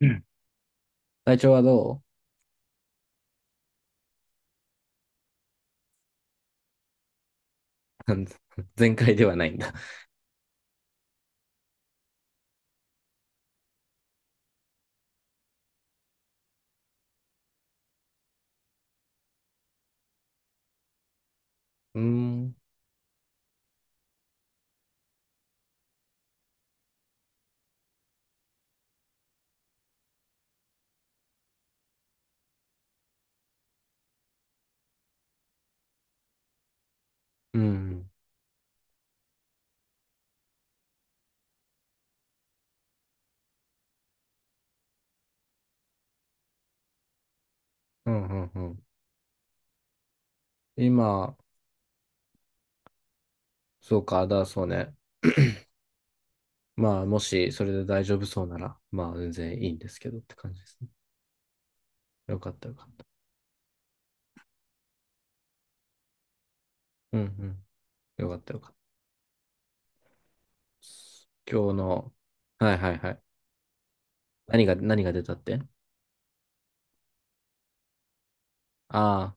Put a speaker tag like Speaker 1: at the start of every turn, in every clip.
Speaker 1: うん。体調はどう？ 全開ではないんだ。うーん。うん。うん。うん。うん。今、そうか、だ、そうね。まあ、もし、それで大丈夫そうなら、まあ、全然いいんですけどって感じですね。よかった、よかった。うん、うん。よかった、よかった。今日の、はい、はい、はい。何が、何が出たって？ああ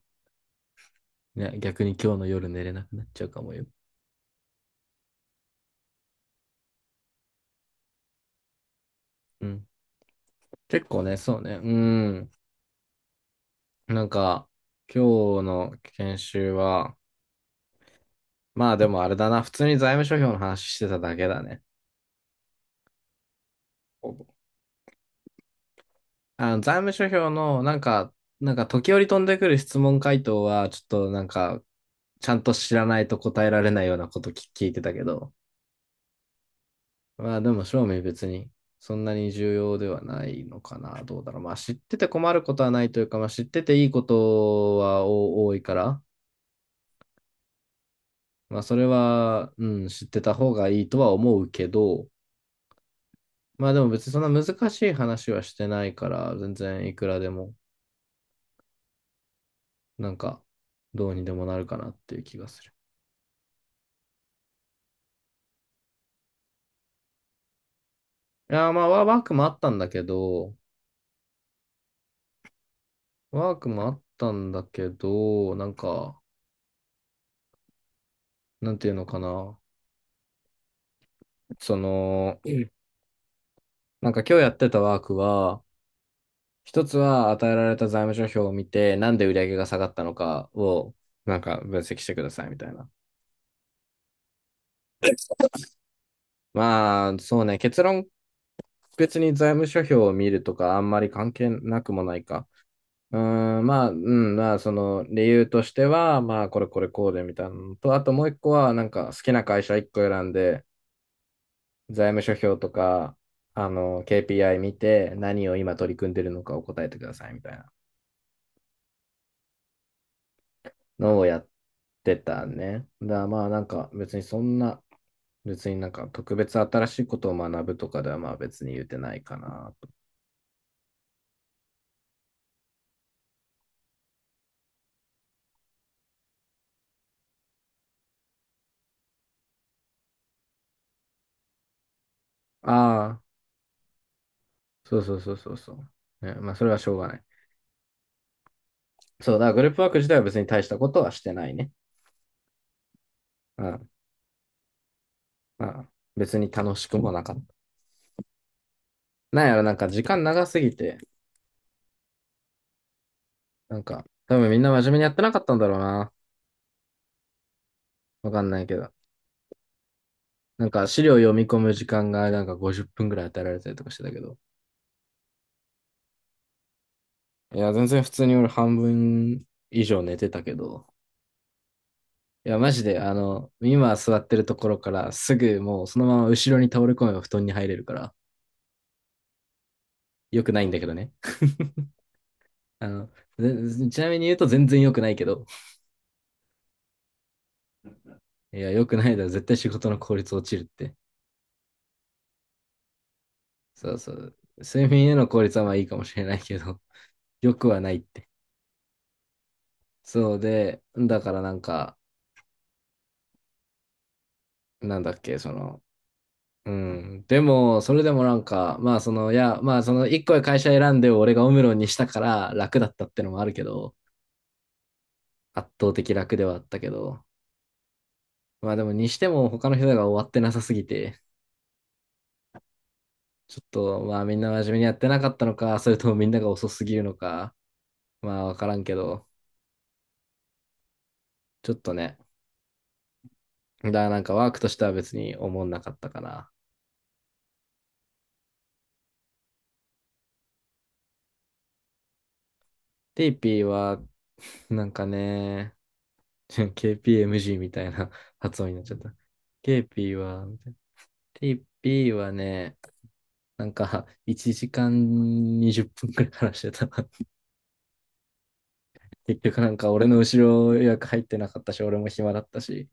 Speaker 1: ー、ね、逆に今日の夜寝れなくなっちゃうかもよ。うん。結構ね、そうね。うん。なんか、今日の研修は、まあでもあれだな、普通に財務諸表の話してただけだね。ほぼ財務諸表のなんか、なんか時折飛んでくる質問回答は、ちょっとなんか、ちゃんと知らないと答えられないようなことき聞いてたけど、まあでも正味別にそんなに重要ではないのかな、どうだろう。まあ知ってて困ることはないというか、まあ知ってていいことはお多いから、まあそれは、うん、知ってた方がいいとは思うけど、まあでも別にそんな難しい話はしてないから、全然いくらでもなんか、どうにでもなるかなっていう気がする。いやー、まあ、ワークもあったんだけど、ワークもあったんだけど、なんか、なんていうのかな。その、なんか今日やってたワークは、一つは与えられた財務諸表を見て、なんで売上が下がったのかを、なんか分析してくださいみたいな。まあ、そうね、結論、別に財務諸表を見るとかあんまり関係なくもないか。うーん、まあ、うん、まあ、その理由としては、まあ、これこれこうでみたいなのと、あともう一個は、なんか好きな会社一個選んで、財務諸表とか、KPI 見て、何を今取り組んでるのかを答えてくださいみたいなのをやってたね。だからまあ、なんか別にそんな、別になんか特別新しいことを学ぶとかではまあ別に言うてないかなと。ああ、そうそうそうそうそう。ね、まあ、それはしょうがない。そうだ、グループワーク自体は別に大したことはしてないね。うん。まあ、別に楽しくもなかった。なんやろ、なんか時間長すぎて、なんか、多分みんな真面目にやってなかったんだろうな。わかんないけど。なんか資料読み込む時間がなんか50分ぐらい与えられたりとかしてたけど。いや、全然普通に俺半分以上寝てたけど。いや、マジで、今座ってるところからすぐもうそのまま後ろに倒れ込めば布団に入れるから、良くないんだけどね。あの、ちなみに言うと全然良くないけど。いや、良くないだろ、絶対仕事の効率落ちるって。そうそう。睡眠への効率はまあいいかもしれないけど、良くはないって。そうで、だからなんか、なんだっけ、その、うん。でも、それでもなんか、まあその一個会社選んで俺がオムロンにしたから楽だったってのもあるけど、圧倒的楽ではあったけど、まあでもにしても他の人が終わってなさすぎて、ちょっとまあみんな真面目にやってなかったのか、それともみんなが遅すぎるのか、まあわからんけど、ちょっとね、だからなんかワークとしては別に思んなかったかな。テイピーは、なんかね、KPMG みたいな 発音になっちゃった。テイピーは、テイピーはね、なんか1時間20分くらい話してた。結局なんか俺の後ろ予約入ってなかったし、俺も暇だったし、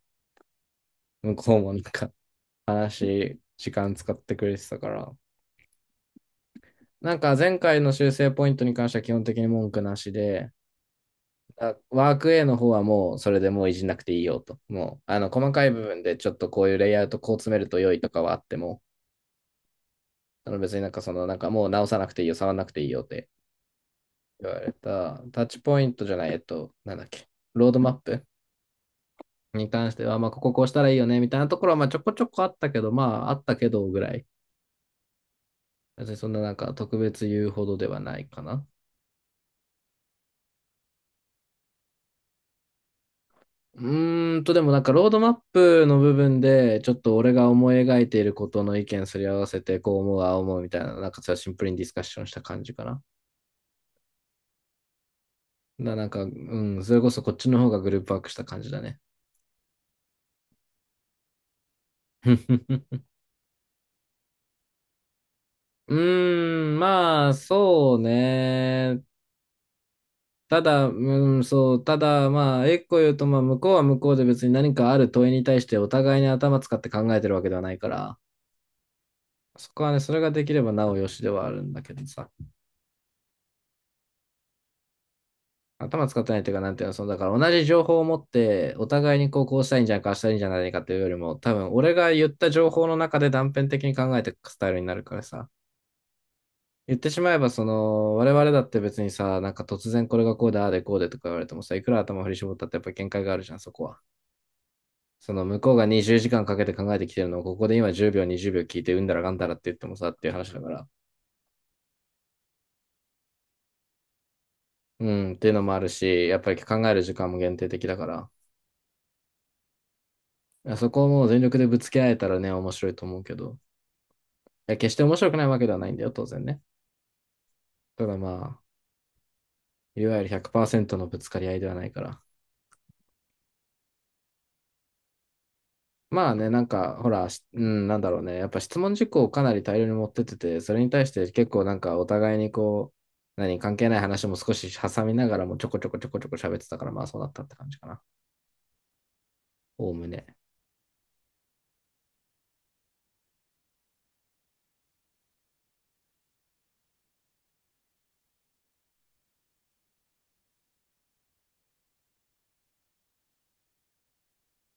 Speaker 1: 向こうもなんか話、時間使ってくれてたから。なんか前回の修正ポイントに関しては基本的に文句なしで、ワーク A の方はもうそれでもういじんなくていいよと。もう、細かい部分でちょっとこういうレイアウトこう詰めると良いとかはあっても、あの別になんかその、なんかもう直さなくていいよ、触らなくていいよって言われた。タッチポイントじゃない、なんだっけ、ロードマップに関しては、まあ、こここうしたらいいよね、みたいなところは、まあ、ちょこちょこあったけど、まあ、あったけどぐらい。別にそんななんか特別言うほどではないかな。うーんと、でもなんかロードマップの部分で、ちょっと俺が思い描いていることの意見すり合わせて、こう思う、ああ思うみたいな、なんかそれはシンプルにディスカッションした感じかな。なんか、うん、それこそこっちの方がグループワークした感じだね。うーん、まあ、そうね。ただ、うん、そう、ただ、まあ、一個言うと、まあ、向こうは向こうで別に何かある問いに対してお互いに頭使って考えてるわけではないから、そこはね、それができればなおよしではあるんだけどさ。頭使ってないというか、なんていうの、その、だから同じ情報を持って、お互いにこう、こうしたいんじゃないか、ああしたいんじゃないかというよりも、多分、俺が言った情報の中で断片的に考えていくスタイルになるからさ。言ってしまえば、その、我々だって別にさ、なんか突然これがこうだ、ああでこうでとか言われてもさ、いくら頭振り絞ったってやっぱ限界があるじゃん、そこは。その、向こうが20時間かんかけて考えてきてるのを、ここで今10秒、20秒聞いて、うんだらがんだらって言ってもさ、っていう話だから。うん、っていうのもあるし、やっぱり考える時間も限定的だから、そこをもう全力でぶつけ合えたらね、面白いと思うけど。や、決して面白くないわけではないんだよ、当然ね。ただまあ、いわゆる100%のぶつかり合いではないから。まあね、なんか、ほら、うん、なんだろうね。やっぱ質問事項をかなり大量に持ってってて、それに対して結構なんかお互いにこう、何、関係ない話も少し挟みながらもちょこちょこちょこちょこ喋ってたから、まあそうなったって感じかな。おおむね。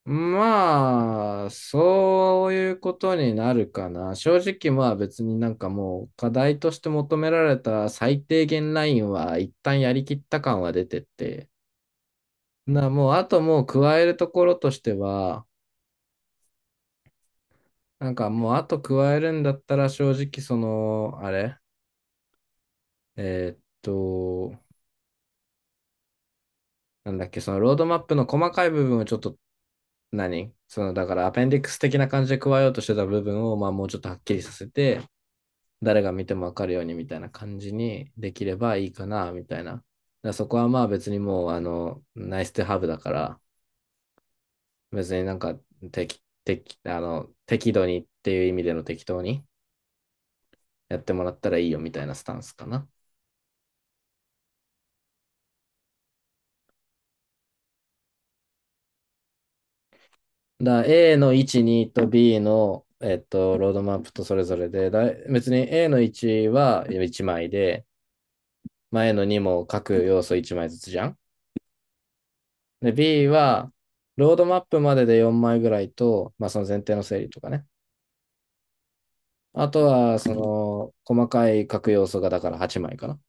Speaker 1: まあ、そういうことになるかな。正直まあ別になんかもう課題として求められた最低限ラインは一旦やりきった感は出てて。もうあともう加えるところとしては、なんかもうあと加えるんだったら正直その、あれえーっと、なんだっけ、そのロードマップの細かい部分をちょっと何そのだからアペンディックス的な感じで加えようとしてた部分をまあもうちょっとはっきりさせて、誰が見てもわかるようにみたいな感じにできればいいかな、みたいな。だからそこはまあ別にもう、ナイスとハブだから、別になんか適、適、あの、適度にっていう意味での適当にやってもらったらいいよみたいなスタンスかな。だから A の1、2と B の、ロードマップとそれぞれで、だ別に A の1は1枚で、まあ A の2も各要素1枚ずつじゃん。で、B は、ロードマップまでで4枚ぐらいと、まあその前提の整理とかね。あとは、その、細かい書く要素がだから8枚かな。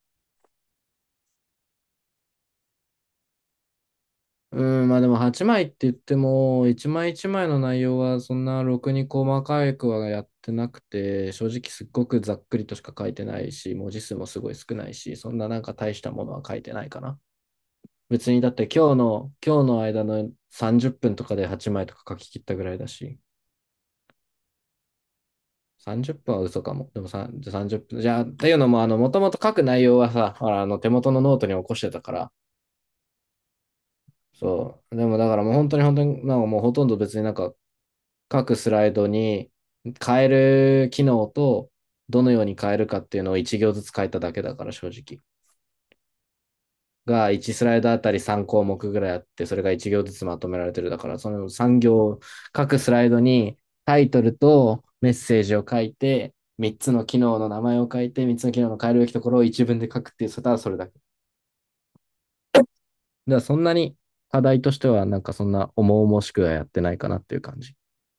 Speaker 1: うん、まあでも8枚って言っても、1枚1枚の内容はそんなろくに細かくはやってなくて、正直すっごくざっくりとしか書いてないし、文字数もすごい少ないし、そんななんか大したものは書いてないかな。別にだって今日の、今日の間の30分とかで8枚とか書き切ったぐらいだし、30分は嘘かも。でもさ30分。じゃあ、っていうのも、もともと書く内容はさ、ほら、手元のノートに起こしてたから、そう。でもだからもう本当に本当に、なんかもうほとんど別になんか各スライドに変える機能とどのように変えるかっていうのを1行ずつ変えただけだから正直。が1スライドあたり3項目ぐらいあって、それが1行ずつまとめられてるだから、その3行、各スライドにタイトルとメッセージを書いて、3つの機能の名前を書いて、3つの機能の変えるべきところを一文で書くっていう、それただそれだけ。だからそんなに課題としてはなんかそんな重々しくはやってないかなっていう感じ。